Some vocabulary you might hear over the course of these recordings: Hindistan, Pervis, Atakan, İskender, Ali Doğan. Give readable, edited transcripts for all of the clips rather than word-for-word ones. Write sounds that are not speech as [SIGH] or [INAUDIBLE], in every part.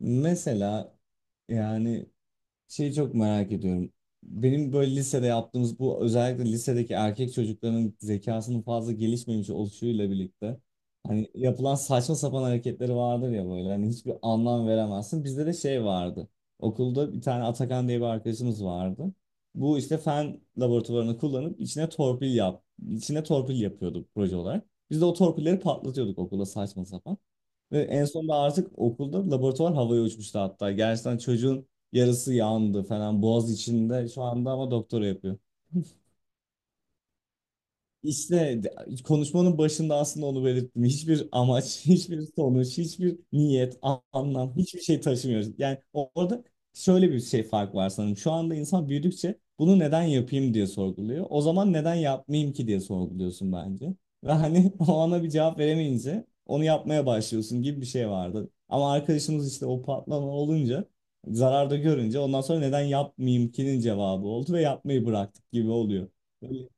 Mesela yani şeyi çok merak ediyorum. Benim böyle lisede yaptığımız bu özellikle lisedeki erkek çocukların zekasının fazla gelişmemiş oluşuyla birlikte hani yapılan saçma sapan hareketleri vardır ya böyle hani hiçbir anlam veremezsin. Bizde de şey vardı. Okulda bir tane Atakan diye bir arkadaşımız vardı. Bu işte fen laboratuvarını kullanıp içine torpil yap, içine torpil yapıyordu proje olarak. Biz de o torpilleri patlatıyorduk okulda saçma sapan. Ve en sonunda artık okulda laboratuvar havaya uçmuştu hatta. Gerçekten çocuğun yarısı yandı falan boğaz içinde. Şu anda ama doktora yapıyor. İşte konuşmanın başında aslında onu belirttim. Hiçbir amaç, [LAUGHS] hiçbir sonuç, hiçbir niyet, anlam, hiçbir şey taşımıyor. Yani orada şöyle bir şey fark var sanırım. Şu anda insan büyüdükçe bunu neden yapayım diye sorguluyor. O zaman neden yapmayayım ki diye sorguluyorsun bence. Ve hani [LAUGHS] o ana bir cevap veremeyince onu yapmaya başlıyorsun gibi bir şey vardı. Ama arkadaşımız işte o patlama olunca, zararda görünce ondan sonra neden yapmayayım ki'nin cevabı oldu ve yapmayı bıraktık gibi oluyor. Böyle.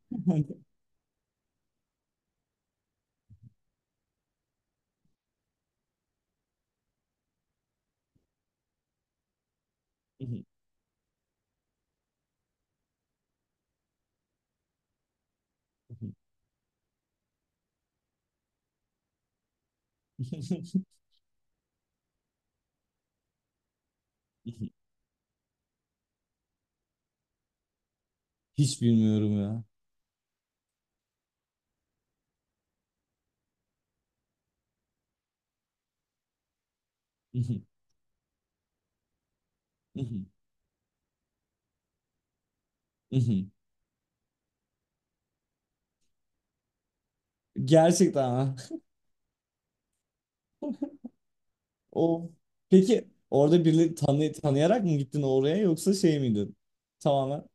[LAUGHS] [LAUGHS] Hiç bilmiyorum ya. [LAUGHS] Gerçekten ha. O peki orada birini tanıyarak mı gittin oraya yoksa şey miydin? Tamamen.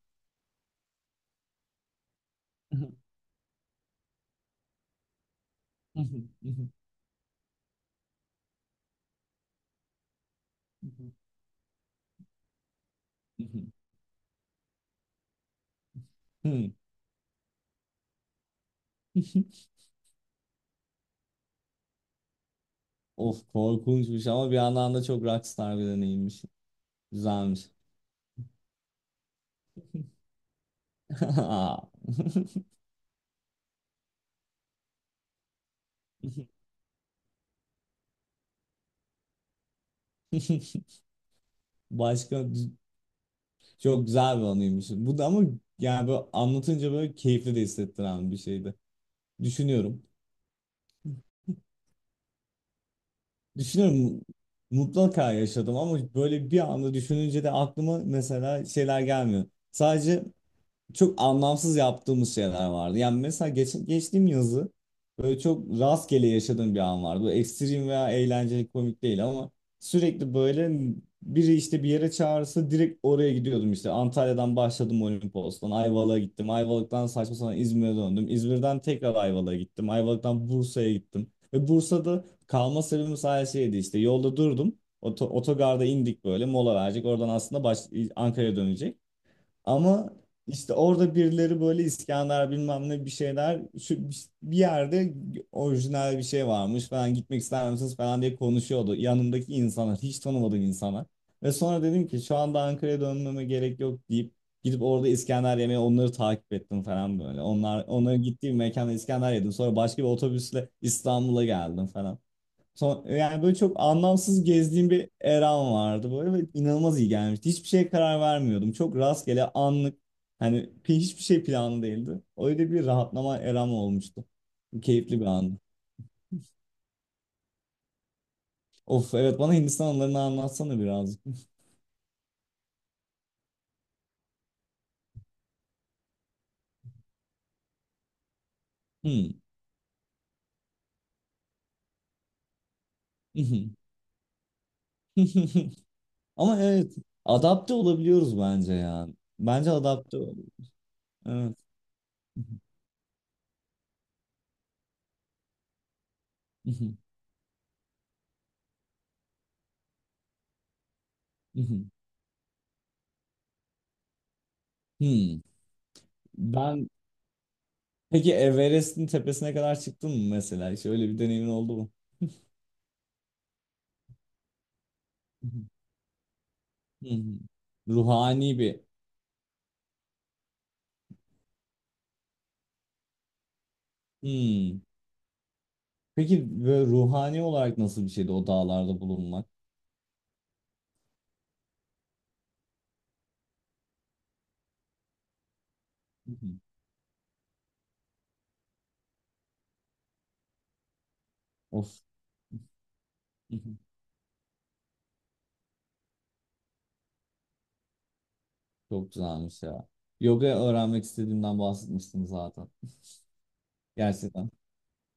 [LAUGHS] Of korkunçmuş ama bir yandan da çok rockstar bir deneyimmiş. Güzelmiş. [LAUGHS] Aa. [LAUGHS] Başka çok güzel bir anıymış. Bu da ama yani böyle anlatınca böyle keyifli de hissettiren bir şeydi. Düşünüyorum. Düşünüyorum mutlaka yaşadım ama böyle bir anda düşününce de aklıma mesela şeyler gelmiyor. Sadece çok anlamsız yaptığımız şeyler vardı. Yani mesela geçtiğim yazı böyle çok rastgele yaşadığım bir an vardı. Bu ekstrem veya eğlenceli komik değil ama sürekli böyle biri işte bir yere çağırırsa direkt oraya gidiyordum işte. Antalya'dan başladım Olimpos'tan Ayvalık'a gittim. Ayvalık'tan saçma sapan İzmir'e döndüm. İzmir'den tekrar Ayvalık'a gittim. Ayvalık'tan Bursa'ya gittim. Ve Bursa'da kalma sebebim sadece şeydi işte yolda durdum. Otogarda indik böyle mola verecek. Oradan aslında Ankara'ya dönecek. Ama işte orada birileri böyle İskender bilmem ne bir şeyler şu bir yerde orijinal bir şey varmış falan gitmek ister misiniz falan diye konuşuyordu. Yanımdaki insanlar hiç tanımadığım insanlar. Ve sonra dedim ki şu anda Ankara'ya dönmeme gerek yok deyip gidip orada İskender yemeye onları takip ettim falan böyle. Onlar onların gittiği bir mekanda İskender yedim. Sonra başka bir otobüsle İstanbul'a geldim falan. Yani böyle çok anlamsız gezdiğim bir eram vardı böyle ve inanılmaz iyi gelmişti. Hiçbir şeye karar vermiyordum. Çok rastgele anlık hani hiçbir şey planlı değildi. Öyle bir rahatlama eram olmuştu. Keyifli bir andı. Of evet bana Hindistan anılarını anlatsana birazcık. Hmm. [LAUGHS] Ama evet adapte olabiliyoruz bence ya. Bence adapte ol. Evet. [LAUGHS] Hmm. Ben peki Everest'in tepesine kadar çıktın mı mesela? Hiç öyle bir deneyimin oldu mu? [LAUGHS] Hmm. Ruhani bir. Hmm. Peki böyle ruhani olarak nasıl bir şeydi o dağlarda bulunmak? Hı hı. Of. Hı hı. Çok güzelmiş ya. Yoga öğrenmek istediğimden bahsetmiştim zaten. Gerçekten.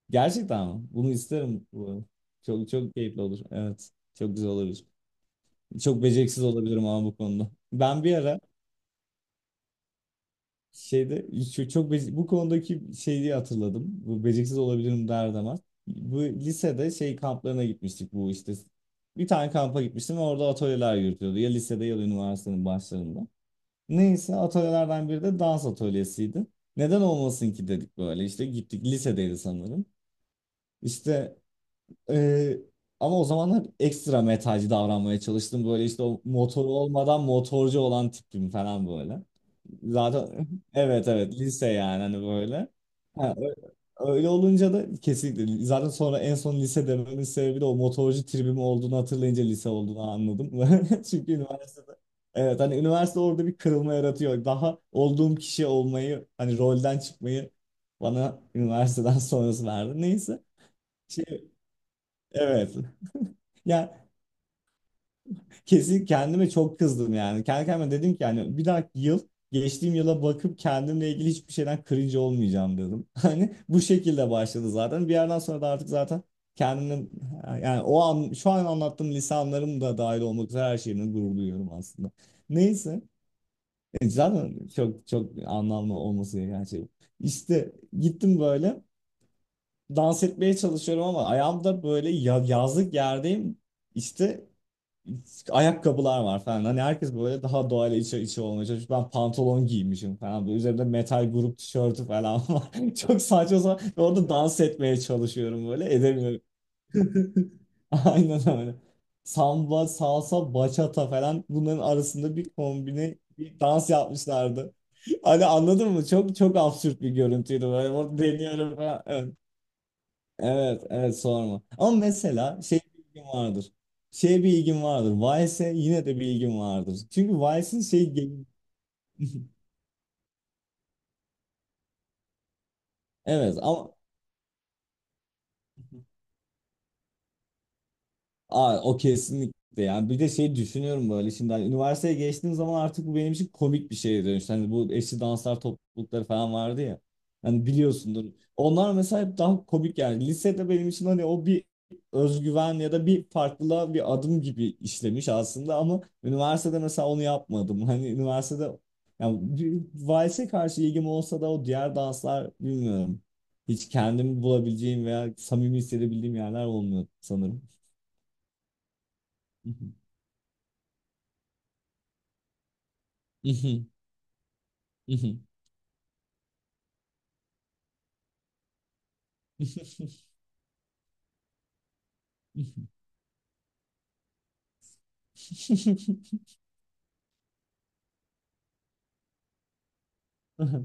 Gerçekten mi? Bunu isterim bu arada. Çok çok keyifli olur. Evet. Çok güzel olabilir. Çok beceriksiz olabilirim ama bu konuda. Ben bir ara şeyde çok bu konudaki şeyi hatırladım. Bu beceriksiz olabilirim derdi ama. Bu lisede şey kamplarına gitmiştik bu işte. Bir tane kampa gitmiştim ve orada atölyeler yürütüyordu. Ya lisede ya da üniversitenin başlarında. Neyse atölyelerden biri de dans atölyesiydi. Neden olmasın ki dedik böyle işte gittik lisedeydi sanırım. İşte ee, ama o zamanlar ekstra metalci davranmaya çalıştım. Böyle işte o motoru olmadan motorcu olan tipim falan böyle. Zaten [LAUGHS] evet evet lise yani hani böyle. Ha, öyle olunca da kesinlikle zaten sonra en son lise dememin sebebi de o motorcu tribim olduğunu hatırlayınca lise olduğunu anladım. [LAUGHS] Çünkü üniversitede evet hani üniversite orada bir kırılma yaratıyor. Daha olduğum kişi olmayı hani rolden çıkmayı bana üniversiteden sonrası verdi. Neyse. Şey, evet. [LAUGHS] Ya kesin kendime çok kızdım yani. Kendi kendime dedim ki yani bir dahaki yıl geçtiğim yıla bakıp kendimle ilgili hiçbir şeyden cringe olmayacağım dedim. [LAUGHS] Hani bu şekilde başladı zaten. Bir yerden sonra da artık zaten kendimle yani o an şu an anlattığım lisanlarım da dahil olmak üzere her şeyimle gurur duyuyorum aslında. Neyse zaten çok çok anlamlı olması gereken şey bu. İşte gittim böyle dans etmeye çalışıyorum ama ayağımda böyle yazlık yerdeyim. İşte ayakkabılar var falan. Hani herkes böyle daha doğayla içe içe olmaya çalışmış. Ben pantolon giymişim falan. Böyle üzerimde metal grup tişörtü falan [LAUGHS] var. Çok saçma sapan. Ve orada dans etmeye çalışıyorum böyle. Edemiyorum. [LAUGHS] Aynen öyle. Samba, salsa, bachata falan bunların arasında bir kombine bir dans yapmışlardı. Hani anladın mı? Çok çok absürt bir görüntüydü böyle. Orada deniyorum falan. Evet. Evet, evet sorma. Ama mesela şey bir ilgim vardır. Şeye bir ilgim vardır. Vice'e yine de bir ilgim vardır. Çünkü Vice'in şey... [LAUGHS] Evet ama. Aa, o kesinlikle yani bir de şey düşünüyorum böyle şimdi hani üniversiteye geçtiğim zaman artık bu benim için komik bir şeye dönüştü. Hani bu eşli danslar toplulukları falan vardı ya. Hani biliyorsundur. Onlar mesela hep daha komik yani. Lisede benim için hani o bir özgüven ya da bir farklılığa bir adım gibi işlemiş aslında ama üniversitede mesela onu yapmadım. Hani üniversitede yani bir valse karşı ilgim olsa da o diğer danslar bilmiyorum. Hiç kendimi bulabileceğim veya samimi hissedebildiğim yerler olmuyor sanırım. [LAUGHS] Mhm, mhm. [LAUGHS] Mhm. [LAUGHS] Aha,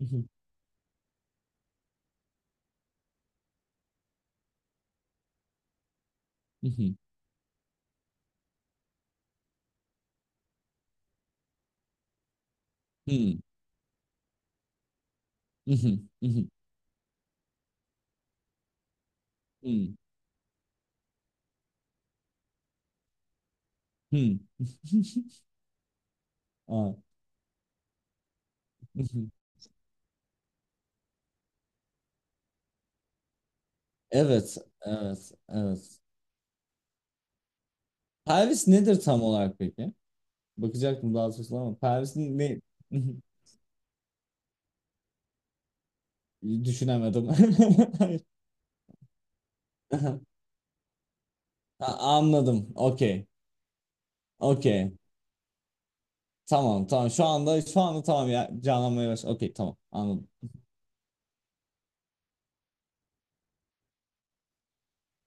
mhm, mhm. Hmm, mhm, mhm, hmm, hmm. [LAUGHS] Aa, mhm. Evet, evet, evet. Pervis nedir tam olarak peki? Bakacaktım daha sonra ama Pervis'in ne? [LAUGHS] Düşünemedim. [LAUGHS] Hayır. Aha. Ha, anladım. Okey. Okey. Tamam, tamam. Şu anda şu anda tamam ya. Canlanmaya baş. Okey, tamam. Anladım.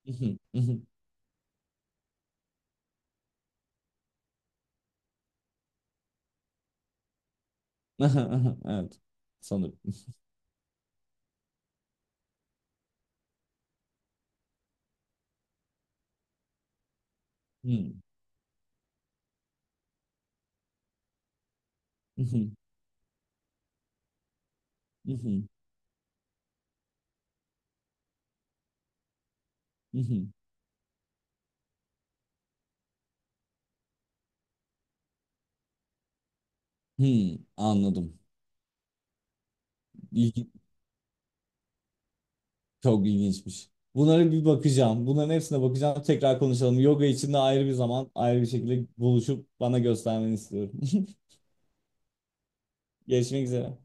[LAUGHS] Evet. Sanırım. Mhm, mhm, mhm. Hmm, anladım. İlgi, çok ilginçmiş. Bunlara bir bakacağım. Bunların hepsine bakacağım. Tekrar konuşalım. Yoga için de ayrı bir zaman, ayrı bir şekilde buluşup bana göstermeni istiyorum. [LAUGHS] Görüşmek üzere.